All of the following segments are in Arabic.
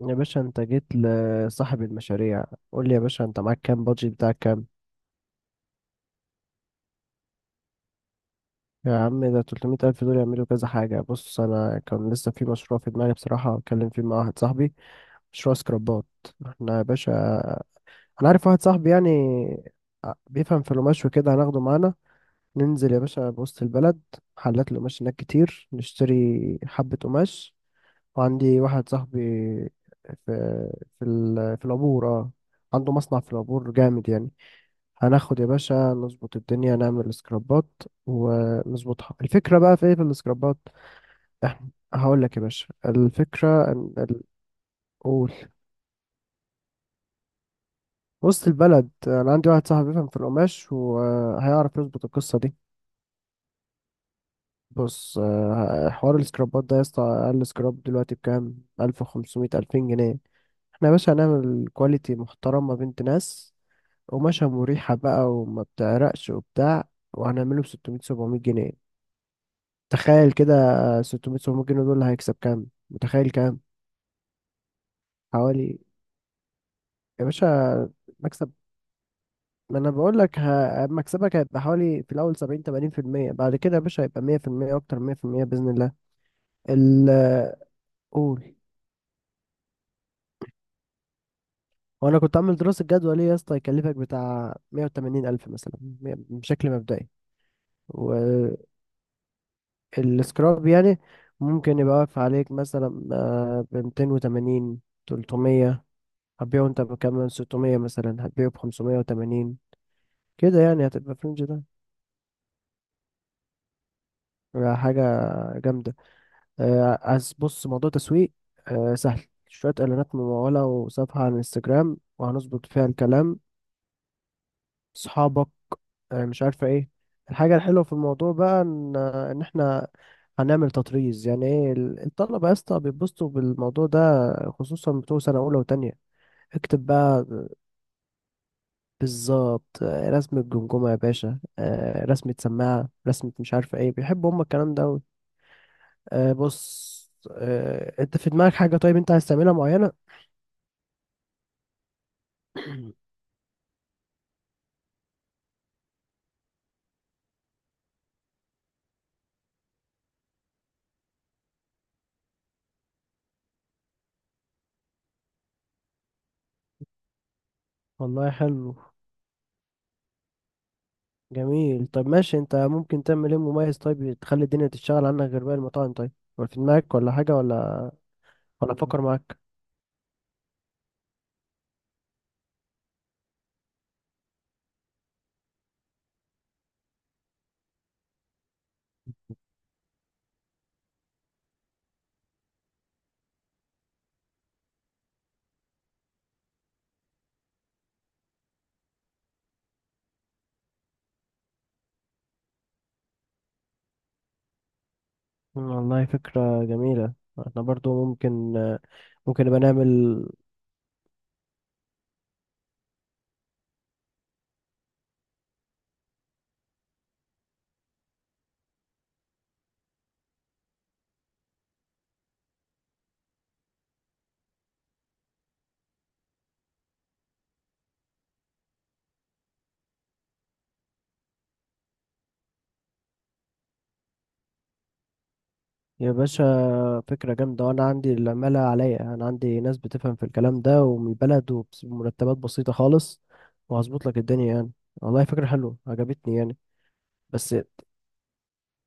يا باشا انت جيت لصاحب المشاريع. قول لي يا باشا، انت معاك كام؟ بادجت بتاعك كام؟ يا عم، ده 300 ألف دول يعملوا كذا حاجة. بص، أنا كان لسه في مشروع في دماغي بصراحة، أتكلم فيه مع واحد صاحبي. مشروع سكرابات. احنا يا باشا، أنا عارف واحد صاحبي يعني، بيفهم في القماش وكده هناخده معانا. ننزل يا باشا بوسط البلد، محلات القماش هناك كتير، نشتري حبة قماش. وعندي واحد صاحبي في العبور، اه، عنده مصنع في العبور جامد يعني. هناخد يا باشا نظبط الدنيا، نعمل سكرابات ونظبطها. الفكرة بقى في ايه في السكرابات؟ احنا هقول لك يا باشا، الفكرة ان قول. وسط البلد انا عندي واحد صاحبي بيفهم في القماش وهيعرف يظبط القصة دي. بص، حوار السكرابات ده يا اسطى، اقل سكراب دلوقتي بكام؟ 1500 2000 جنيه. احنا يا باشا هنعمل كواليتي محترمة، بنت ناس، قماشة مريحة بقى، وما بتعرقش وبتاع، وهنعمله ب 600 700 جنيه. تخيل كده، 600 700 جنيه دول هيكسب كام؟ متخيل كام؟ حوالي، يا باشا، مكسب. ما انا بقول لك، مكسبك هيبقى حوالي في الاول 70 80%، بعد كده يا باشا هيبقى 100%، اكتر من 100% باذن الله. ال قول. وانا كنت عامل دراسة جدوى، ليه يا اسطى؟ يكلفك بتاع 180 الف مثلا، بشكل مبدئي. والسكراب يعني ممكن يبقى واقف عليك مثلا ب 280 300، هتبيعه انت بكام؟ 600 مثلا، هتبيعه ب 580. كده يعني هتبقى في الرينج ده. حاجة جامدة. عايز بص، موضوع تسويق سهل. شوية إعلانات ممولة وصفحة على الانستجرام، وهنظبط فيها الكلام. صحابك، مش عارفة ايه. الحاجة الحلوة في الموضوع بقى إن احنا هنعمل تطريز. يعني ايه؟ الطلبة يا اسطى بيتبسطوا بالموضوع ده، خصوصا بتوع سنة أولى وتانية. اكتب بقى بالظبط، رسمة جمجمة يا باشا، رسمة سماعة، رسمة مش عارفة ايه، بيحبوا هما الكلام ده. بص، انت في دماغك حاجة، طيب انت عايز تعملها معينة؟ والله حلو. جميل، طب ماشي، انت ممكن تعمل ايه مميز؟ طيب تخلي الدنيا تشتغل عنك غير باقي المطاعم؟ طيب، ولا في دماغك ولا حاجة، ولا ولا افكر معاك؟ والله فكرة جميلة. احنا برضو ممكن ممكن نبقى نعمل، يا باشا، فكرة جامدة. وانا عندي العمالة عليا، انا عندي ناس بتفهم في الكلام ده ومن البلد وبمرتبات بسيطة خالص، وهظبط لك الدنيا يعني. والله فكرة حلوة عجبتني يعني. بس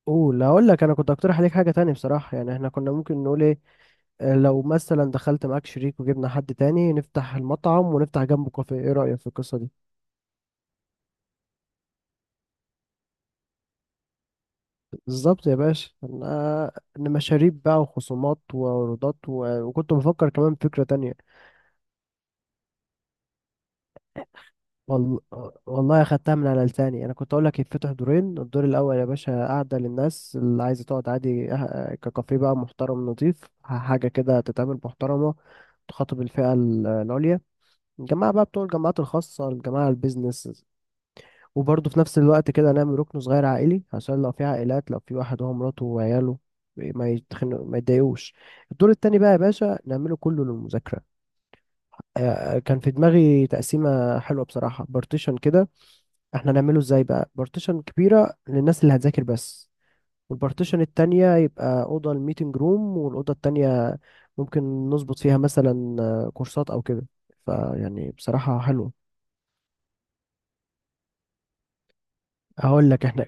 قول. هقول لك، انا كنت اقترح عليك حاجه تاني بصراحه. يعني احنا كنا ممكن نقول ايه؟ لو مثلا دخلت معاك شريك وجبنا حد تاني، نفتح المطعم ونفتح جنبه كافيه، ايه رايك في القصه دي؟ بالظبط يا باشا، انا إن مشاريب بقى وخصومات وعروضات وكنت بفكر كمان فكره تانية. وال... والله اخدتها من على لساني. انا كنت اقول لك يتفتح دورين. الدور الاول يا باشا قاعده للناس اللي عايزه تقعد عادي، ككافيه بقى محترم نظيف، حاجه كده تتعمل محترمه، تخاطب الفئه العليا، الجماعة بقى بتوع الجامعات الخاصة، الجماعة البيزنس. وبرضه في نفس الوقت كده، نعمل ركن صغير عائلي، عشان لو في عائلات، لو في واحد هو مراته وعياله، ما يتخنق، ما يتضايقوش. الدور التاني بقى يا باشا نعمله كله للمذاكرة. كان في دماغي تقسيمة حلوة بصراحة، بارتيشن كده. احنا نعمله ازاي بقى؟ بارتيشن كبيرة للناس اللي هتذاكر بس، والبارتيشن التانية يبقى أوضة الميتنج روم، والأوضة التانية ممكن نظبط فيها مثلا كورسات أو كده. فيعني بصراحة حلوة. هقول لك احنا،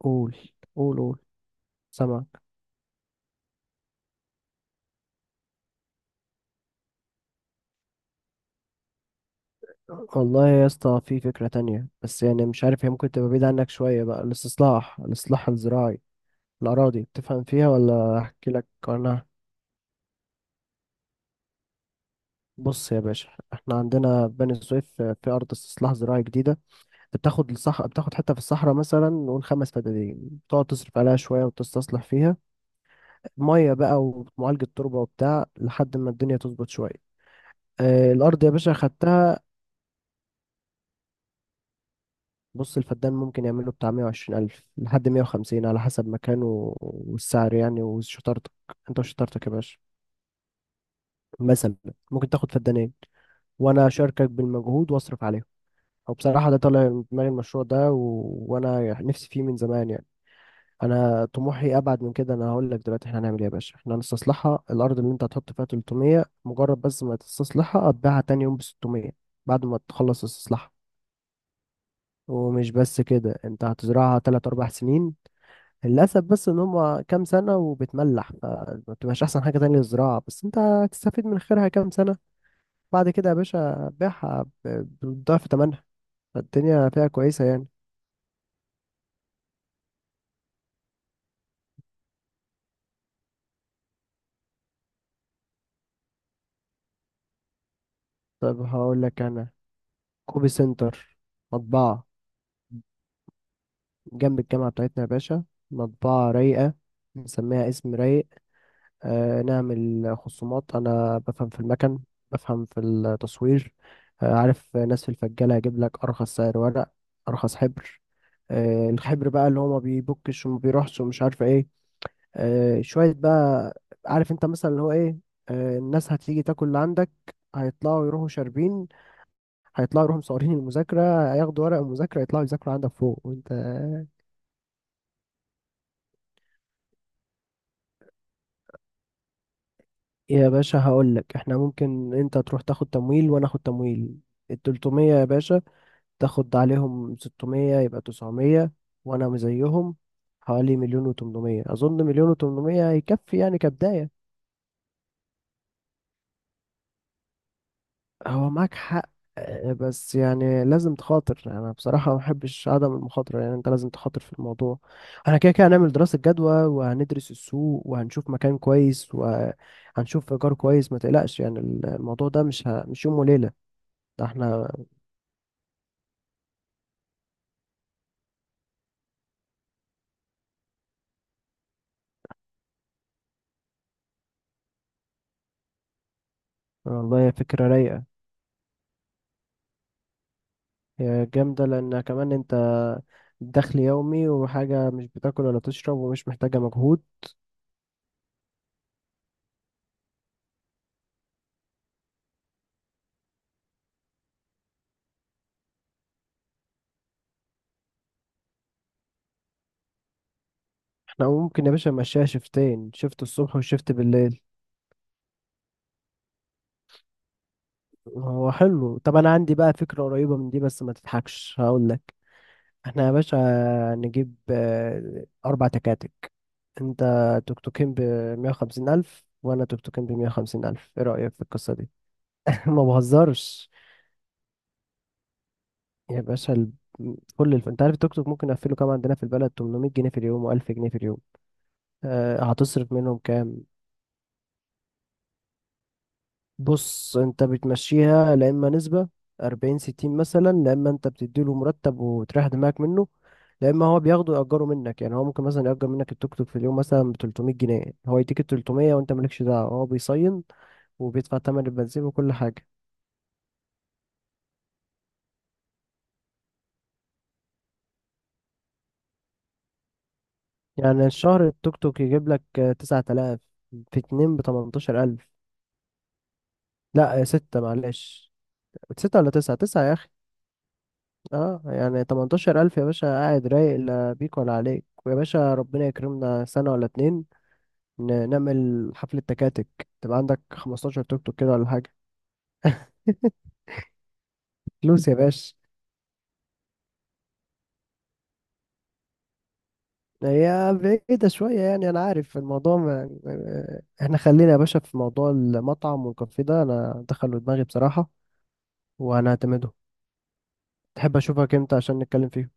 قول قول قول، سامعك. والله يا اسطى في فكرة تانية، بس يعني مش عارف هي ممكن تبقى بعيدة عنك شوية بقى. الإصلاح الزراعي، الأراضي، بتفهم فيها، ولا أحكي لك عنها؟ بص يا باشا، احنا عندنا في بني سويف في أرض استصلاح زراعي جديدة. بتاخد حتة في الصحراء، مثلا نقول 5 فدادين، تقعد تصرف عليها شوية وتستصلح فيها، مية بقى ومعالجة تربة وبتاع، لحد ما الدنيا تظبط شوية. الأرض يا باشا خدتها. بص، الفدان ممكن يعمله بتاع 120 ألف لحد 150 على حسب مكانه والسعر يعني، وشطارتك، انت وشطارتك يا باشا. مثلا ممكن تاخد فدانين، وانا اشاركك بالمجهود واصرف عليهم. او بصراحة، ده طالع من دماغي المشروع ده وانا نفسي فيه من زمان يعني. انا طموحي ابعد من كده. انا هقول لك دلوقتي احنا هنعمل ايه يا باشا. احنا هنستصلحها الارض، اللي انت هتحط فيها 300 مجرد، بس ما تستصلحها، هتبيعها تاني يوم ب 600 بعد ما تخلص استصلاحها. ومش بس كده، انت هتزرعها 3 4 سنين. للأسف بس إن هما كام سنة وبتملح فما بتبقاش أحسن حاجة تانية للزراعة، بس أنت هتستفيد من خيرها كام سنة. بعد كده يا باشا بيعها بضعف تمنها. فالدنيا فيها كويسة يعني. طب هقول لك أنا، كوبي سنتر، مطبعة جنب الجامعة بتاعتنا يا باشا، مطبعة رايقة، نسميها اسم رايق. نعمل خصومات. أنا بفهم في المكن، بفهم في التصوير. عارف ناس في الفجالة، هجيب لك أرخص سعر ورق، أرخص حبر. الحبر بقى اللي هو ما بيبكش وما بيروحش ومش عارف ايه. شوية بقى، عارف انت مثلا اللي هو ايه. الناس هتيجي تاكل اللي عندك، هيطلعوا يروحوا شاربين، هيطلعوا يروحوا مصورين المذاكرة، هياخدوا ورق المذاكرة، يطلعوا يذاكروا عندك فوق، وانت يا باشا هقول لك احنا ممكن انت تروح تاخد تمويل وانا اخد تمويل. ال 300 يا باشا تاخد عليهم 600، يبقى 900، وانا زيهم، حوالي مليون و800. اظن مليون و800 هيكفي يعني كبداية. هو معاك حق، بس يعني لازم تخاطر. انا بصراحة ما بحبش عدم المخاطرة، يعني انت لازم تخاطر في الموضوع. احنا كده كده هنعمل دراسة جدوى وهندرس السوق وهنشوف مكان كويس وهنشوف ايجار كويس، ما تقلقش يعني. الموضوع ده مش يوم وليلة. ده احنا، والله هي فكرة رايقة. هي جامدة لان كمان انت دخل يومي، وحاجة مش بتاكل ولا تشرب ومش محتاجة مجهود. احنا ممكن يا باشا نمشيها شفتين، شفت الصبح وشفت بالليل. هو حلو. طب انا عندي بقى فكرة قريبة من دي، بس ما تضحكش، هقول لك. احنا يا باشا نجيب 4 تكاتك. انت توك توكين ب 150 الف، وانا توك توكين ب 150 الف، ايه رأيك في القصة دي؟ ما بهزرش. يا باشا انت عارف التوك توك ممكن اقفله كام عندنا في البلد؟ 800 جنيه في اليوم، و1000 جنيه في اليوم. هتصرف منهم كام؟ بص، انت بتمشيها لا اما نسبة 40 60 مثلا، لا اما انت بتديله مرتب وتريح دماغك منه، لا اما هو بياخده يأجره منك. يعني هو ممكن مثلا يأجر منك التوك توك في اليوم مثلا ب 300 جنيه. هو يديك ال 300، وانت مالكش دعوة، هو بيصين وبيدفع تمن البنزين وكل حاجة. يعني الشهر التوك توك يجيب لك 9,000، في اتنين ب 18,000. لا ستة معلش، ستة ولا تسعة، تسعة يا أخي. اه، يعني 18,000 يا باشا، قاعد رايق، لا بيك ولا عليك. ويا باشا ربنا يكرمنا سنة ولا اتنين، نعمل حفلة تكاتك، تبقى عندك 15 توك توك كده ولا حاجة. فلوس يا باشا. هي بعيدة شوية يعني، أنا عارف الموضوع. إحنا خلينا يا باشا في موضوع المطعم والكافيه ده، أنا دخله دماغي بصراحة، وأنا هعتمده. تحب أشوفك إمتى عشان نتكلم فيه؟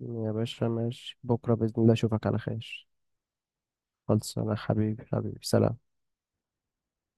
يا باشا ماشي، بكرة بإذن الله أشوفك على خير. خلص أنا، حبيبي حبيبي، سلام.